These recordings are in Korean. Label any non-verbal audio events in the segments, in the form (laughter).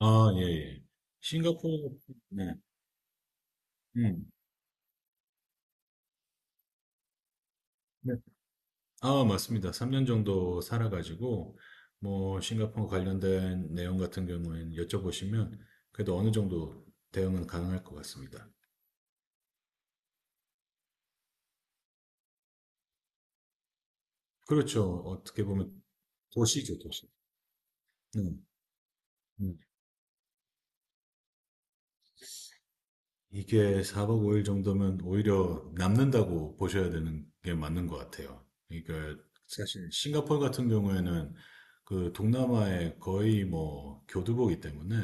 아, 예, 예. 싱가포르, 네, 음, 네. 아, 맞습니다. 3년 정도 살아가지고, 뭐, 싱가포르 관련된 내용 같은 경우에는 여쭤보시면, 그래도 어느 정도 대응은 가능할 것 같습니다. 그렇죠. 어떻게 보면 도시죠, 도시. 네. 음. 이게 4박 5일 정도면 오히려 남는다고 보셔야 되는 게 맞는 것 같아요. 그러니까 사실 싱가포르 같은 경우에는 그 동남아의 거의 뭐 교두보기 때문에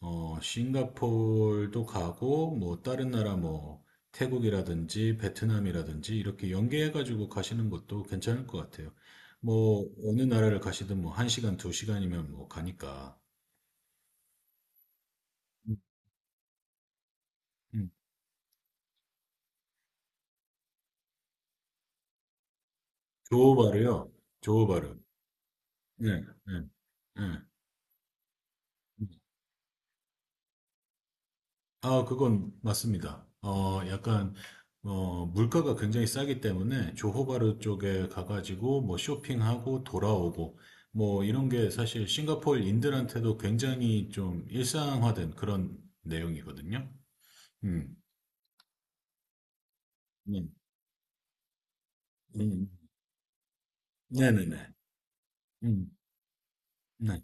싱가포르도 가고 뭐 다른 나라 뭐 태국이라든지 베트남이라든지 이렇게 연계해가지고 가시는 것도 괜찮을 것 같아요. 뭐 어느 나라를 가시든 뭐 1시간, 2시간이면 뭐 가니까. 음, 음. 조호바르요. 조호바르. 네, 네, 네. 아, 그건 맞습니다. 약간, 물가가 굉장히 싸기 때문에 조호바르 쪽에 가가지고 뭐 쇼핑하고 돌아오고 뭐 이런 게 사실 싱가포르인들한테도 굉장히 좀 일상화된 그런 내용이거든요. 음, 네, 음, 네네네. 음, 네.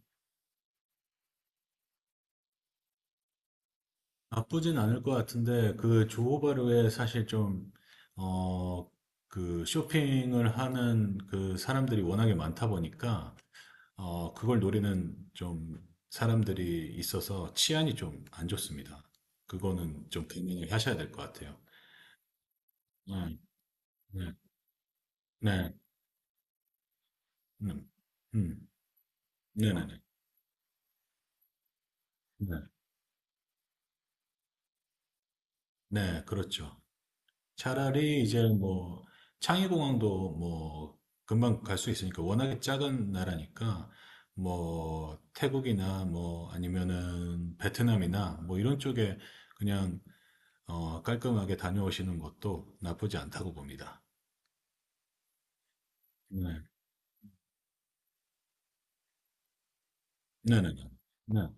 나쁘진 않을 것 같은데 그 조호바르에 사실 좀, 어, 그 쇼핑을 하는 그 사람들이 워낙에 많다 보니까 그걸 노리는 좀 사람들이 있어서 치안이 좀 안 좋습니다. 그거는 좀 개명을 하셔야 될 것 같아요. 네, 네, 네, 음, 음, 네네네. 네, 네, 네, 네, 그렇죠. 차라리 이제 뭐 창의공항도 뭐 금방 갈 수 있으니까 워낙에 작은 나라니까 뭐 태국이나 뭐 아니면은 베트남이나 뭐 이런 쪽에 그냥 깔끔하게 다녀오시는 것도 나쁘지 않다고 봅니다. 네. 네네네. 네.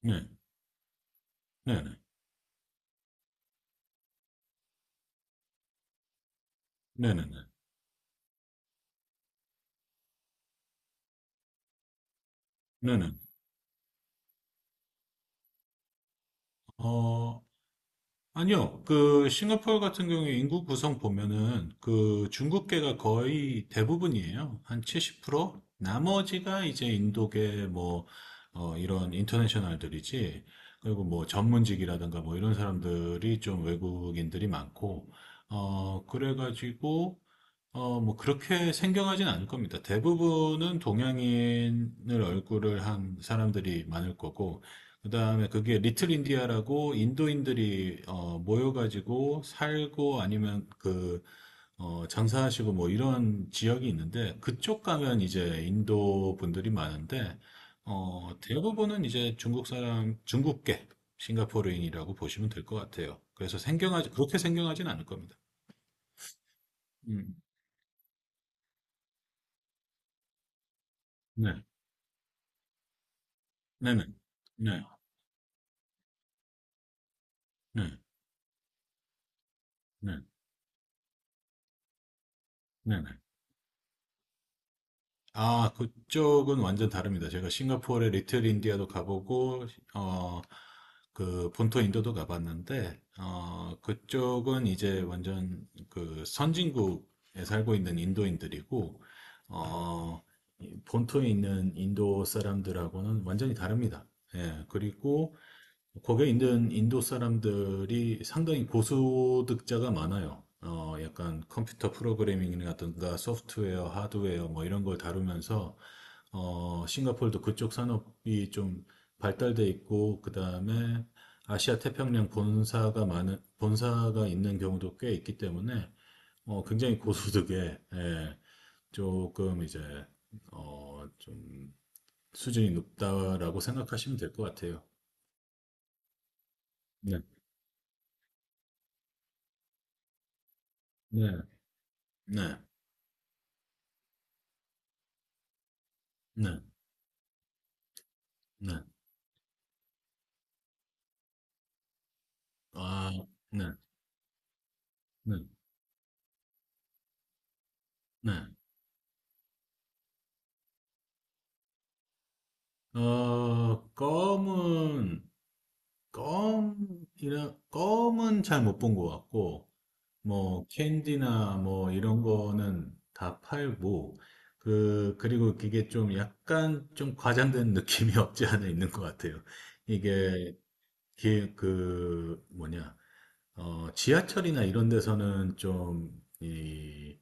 네. 네네. 네네네. 네네. 어, 아니요. 그, 싱가포르 같은 경우에 인구 구성 보면은 그 중국계가 거의 대부분이에요. 한 70%? 나머지가 이제 인도계 뭐, 이런 인터내셔널들이지. 그리고 뭐 전문직이라든가 뭐 이런 사람들이 좀 외국인들이 많고, 그래가지고, 뭐, 그렇게 생경하진 않을 겁니다. 대부분은 동양인을 얼굴을 한 사람들이 많을 거고, 그 다음에 그게 리틀 인디아라고 인도인들이, 모여가지고 살고 아니면 그, 장사하시고 뭐 이런 지역이 있는데, 그쪽 가면 이제 인도 분들이 많은데, 대부분은 이제 중국 사람, 중국계, 싱가포르인이라고 보시면 될 것 같아요. 그래서 생경하지, 그렇게 생경하진 않을 겁니다. 음, 네. 네네. 네. 네, 네, 네, 네. 아, 그쪽은 완전 다릅니다. 제가 싱가포르의 리틀 인디아도 가보고, 어, 그 본토 인도도 가봤는데, 그쪽은 이제 완전 그 선진국에 살고 있는 인도인들이고, 어, 이 본토에 있는 인도 사람들하고는 완전히 다릅니다. 예, 그리고 거기에 있는 인도 사람들이 상당히 고소득자가 많아요. 약간 컴퓨터 프로그래밍이라든가 소프트웨어, 하드웨어 뭐 이런 걸 다루면서 싱가포르도 그쪽 산업이 좀 발달돼 있고 그다음에 아시아 태평양 본사가 많은 본사가 있는 경우도 꽤 있기 때문에 굉장히 고소득에 예, 조금 이제 좀 수준이 높다라고 생각하시면 될 것 같아요. 네. 네. 네. 네. 네. 아, 네, 네, 네. 어, 껌은, 껌, 껌은 잘 못 본 것 같고, 뭐, 캔디나 뭐, 이런 거는 다 팔고, 그리고 그게 좀 약간 좀 과장된 느낌이 (laughs) 없지 않아 있는 것 같아요. 이게, 그, 뭐냐. 지하철이나 이런 데서는 좀, 이,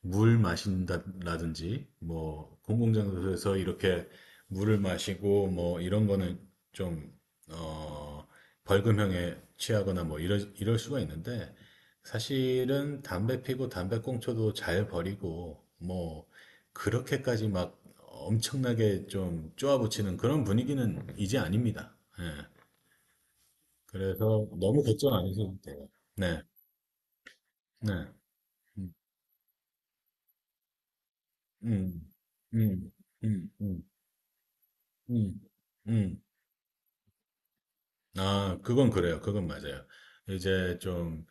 물 마신다라든지, 뭐, 공공장소에서 이렇게 물을 마시고, 뭐, 이런 거는 좀, 어, 벌금형에 취하거나 뭐, 이럴 수가 있는데, 사실은 담배 피고 담배꽁초도 잘 버리고, 뭐, 그렇게까지 막 엄청나게 좀 쪼아붙이는 그런 분위기는 이제 아닙니다. 예. 그래서 너무 걱정 안 하셔도 돼요. 네. 네. 음, 음, 음, 음, 음, 음. 음. 아, 그건 그래요. 그건 맞아요. 이제 좀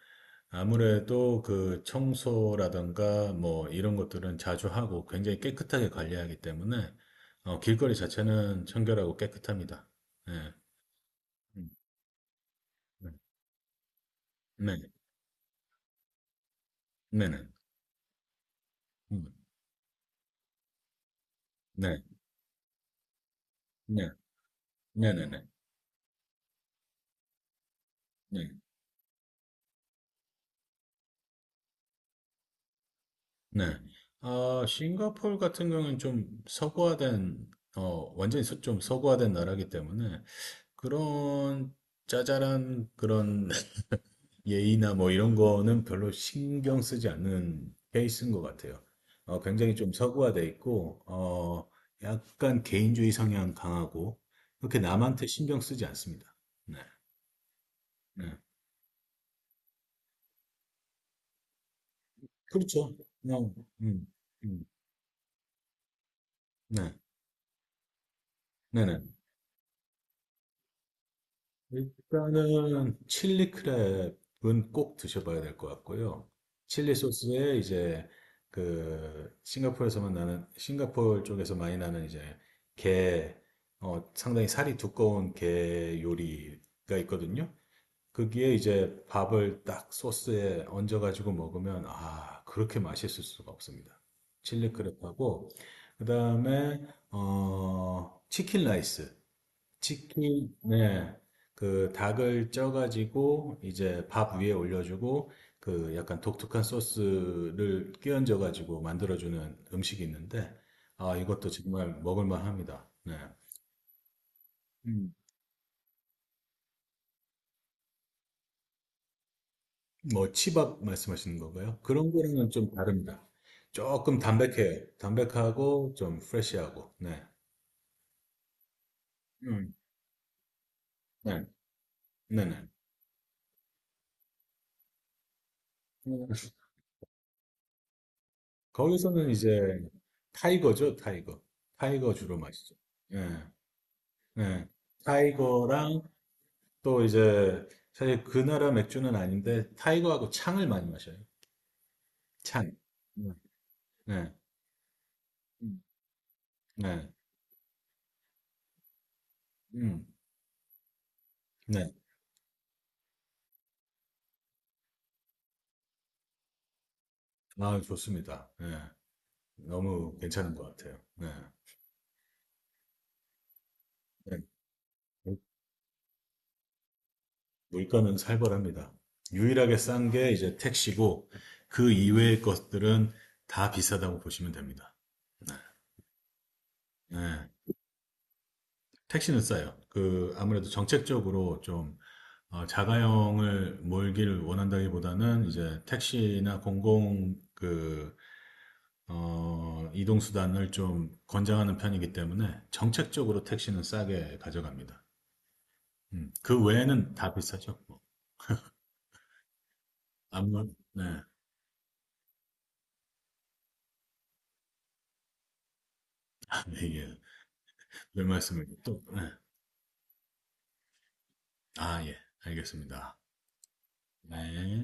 아무래도 그 청소라든가 뭐 이런 것들은 자주 하고 굉장히 깨끗하게 관리하기 때문에 길거리 자체는 청결하고 깨끗합니다. 네. 음, 네. 네. 네네. 음, 네. 네. 네네네. 네. 네, 네. 네. 네. 아, 싱가포르 같은 경우는 좀 서구화된, 완전히 좀 서구화된 나라이기 때문에 그런 짜잘한 그런 (laughs) 예의나 뭐 이런 거는 별로 신경 쓰지 않는 케이스인 것 같아요. 굉장히 좀 서구화돼 있고, 약간 개인주의 성향 강하고, 그렇게 남한테 신경 쓰지 않습니다. 네. 네. 그렇죠. 그냥, 음, 음, 네. 네네. 일단은 칠리 크랩은 꼭 드셔봐야 될 것 같고요. 칠리 소스에 이제 그 싱가포르에서만 나는 싱가포르 쪽에서 많이 나는 이제 게 상당히 살이 두꺼운 게 요리가 있거든요. 거기에 이제 밥을 딱 소스에 얹어가지고 먹으면 아 그렇게 맛있을 수가 없습니다. 칠리 크랩하고 그다음에 치킨 라이스 치킨, 네. 그 닭을 쪄가지고 이제 밥 위에 올려주고 그 약간 독특한 소스를 끼얹어가지고 만들어주는 음식이 있는데 아 이것도 정말 먹을만 합니다. 네. 음. 뭐 치밥 말씀하시는 건가요? 그런 거랑은 좀 다릅니다. 조금 담백해요. 담백하고 좀 프레시하고. 네. 음. 네. 네네. 음. 거기서는 이제 타이거죠, 타이거. 타이거 주로 마시죠. 예. 네. 타이거랑 또 이제 사실 그 나라 맥주는 아닌데 타이거하고 창을 많이 마셔요. 창. 네. 네. 음. 네. 음. 네. 아, 좋습니다. 네. 너무 괜찮은 것 같아요. 네. 네. 물- 물가는 살벌합니다. 유일하게 싼 게 이제 택시고 그 이외의 것들은 다 비싸다고 보시면 됩니다. 네. 택시는 싸요. 그 아무래도 정책적으로 좀 자가용을 몰기를 원한다기보다는 이제 택시나 공공 그, 이동수단을 좀 권장하는 편이기 때문에 정책적으로 택시는 싸게 가져갑니다. 그 외에는 다 비싸죠. 뭐. 네. (laughs) 아, 예, 예. 왜 말씀을 또, 네. 아, 예. 알겠습니다. 네.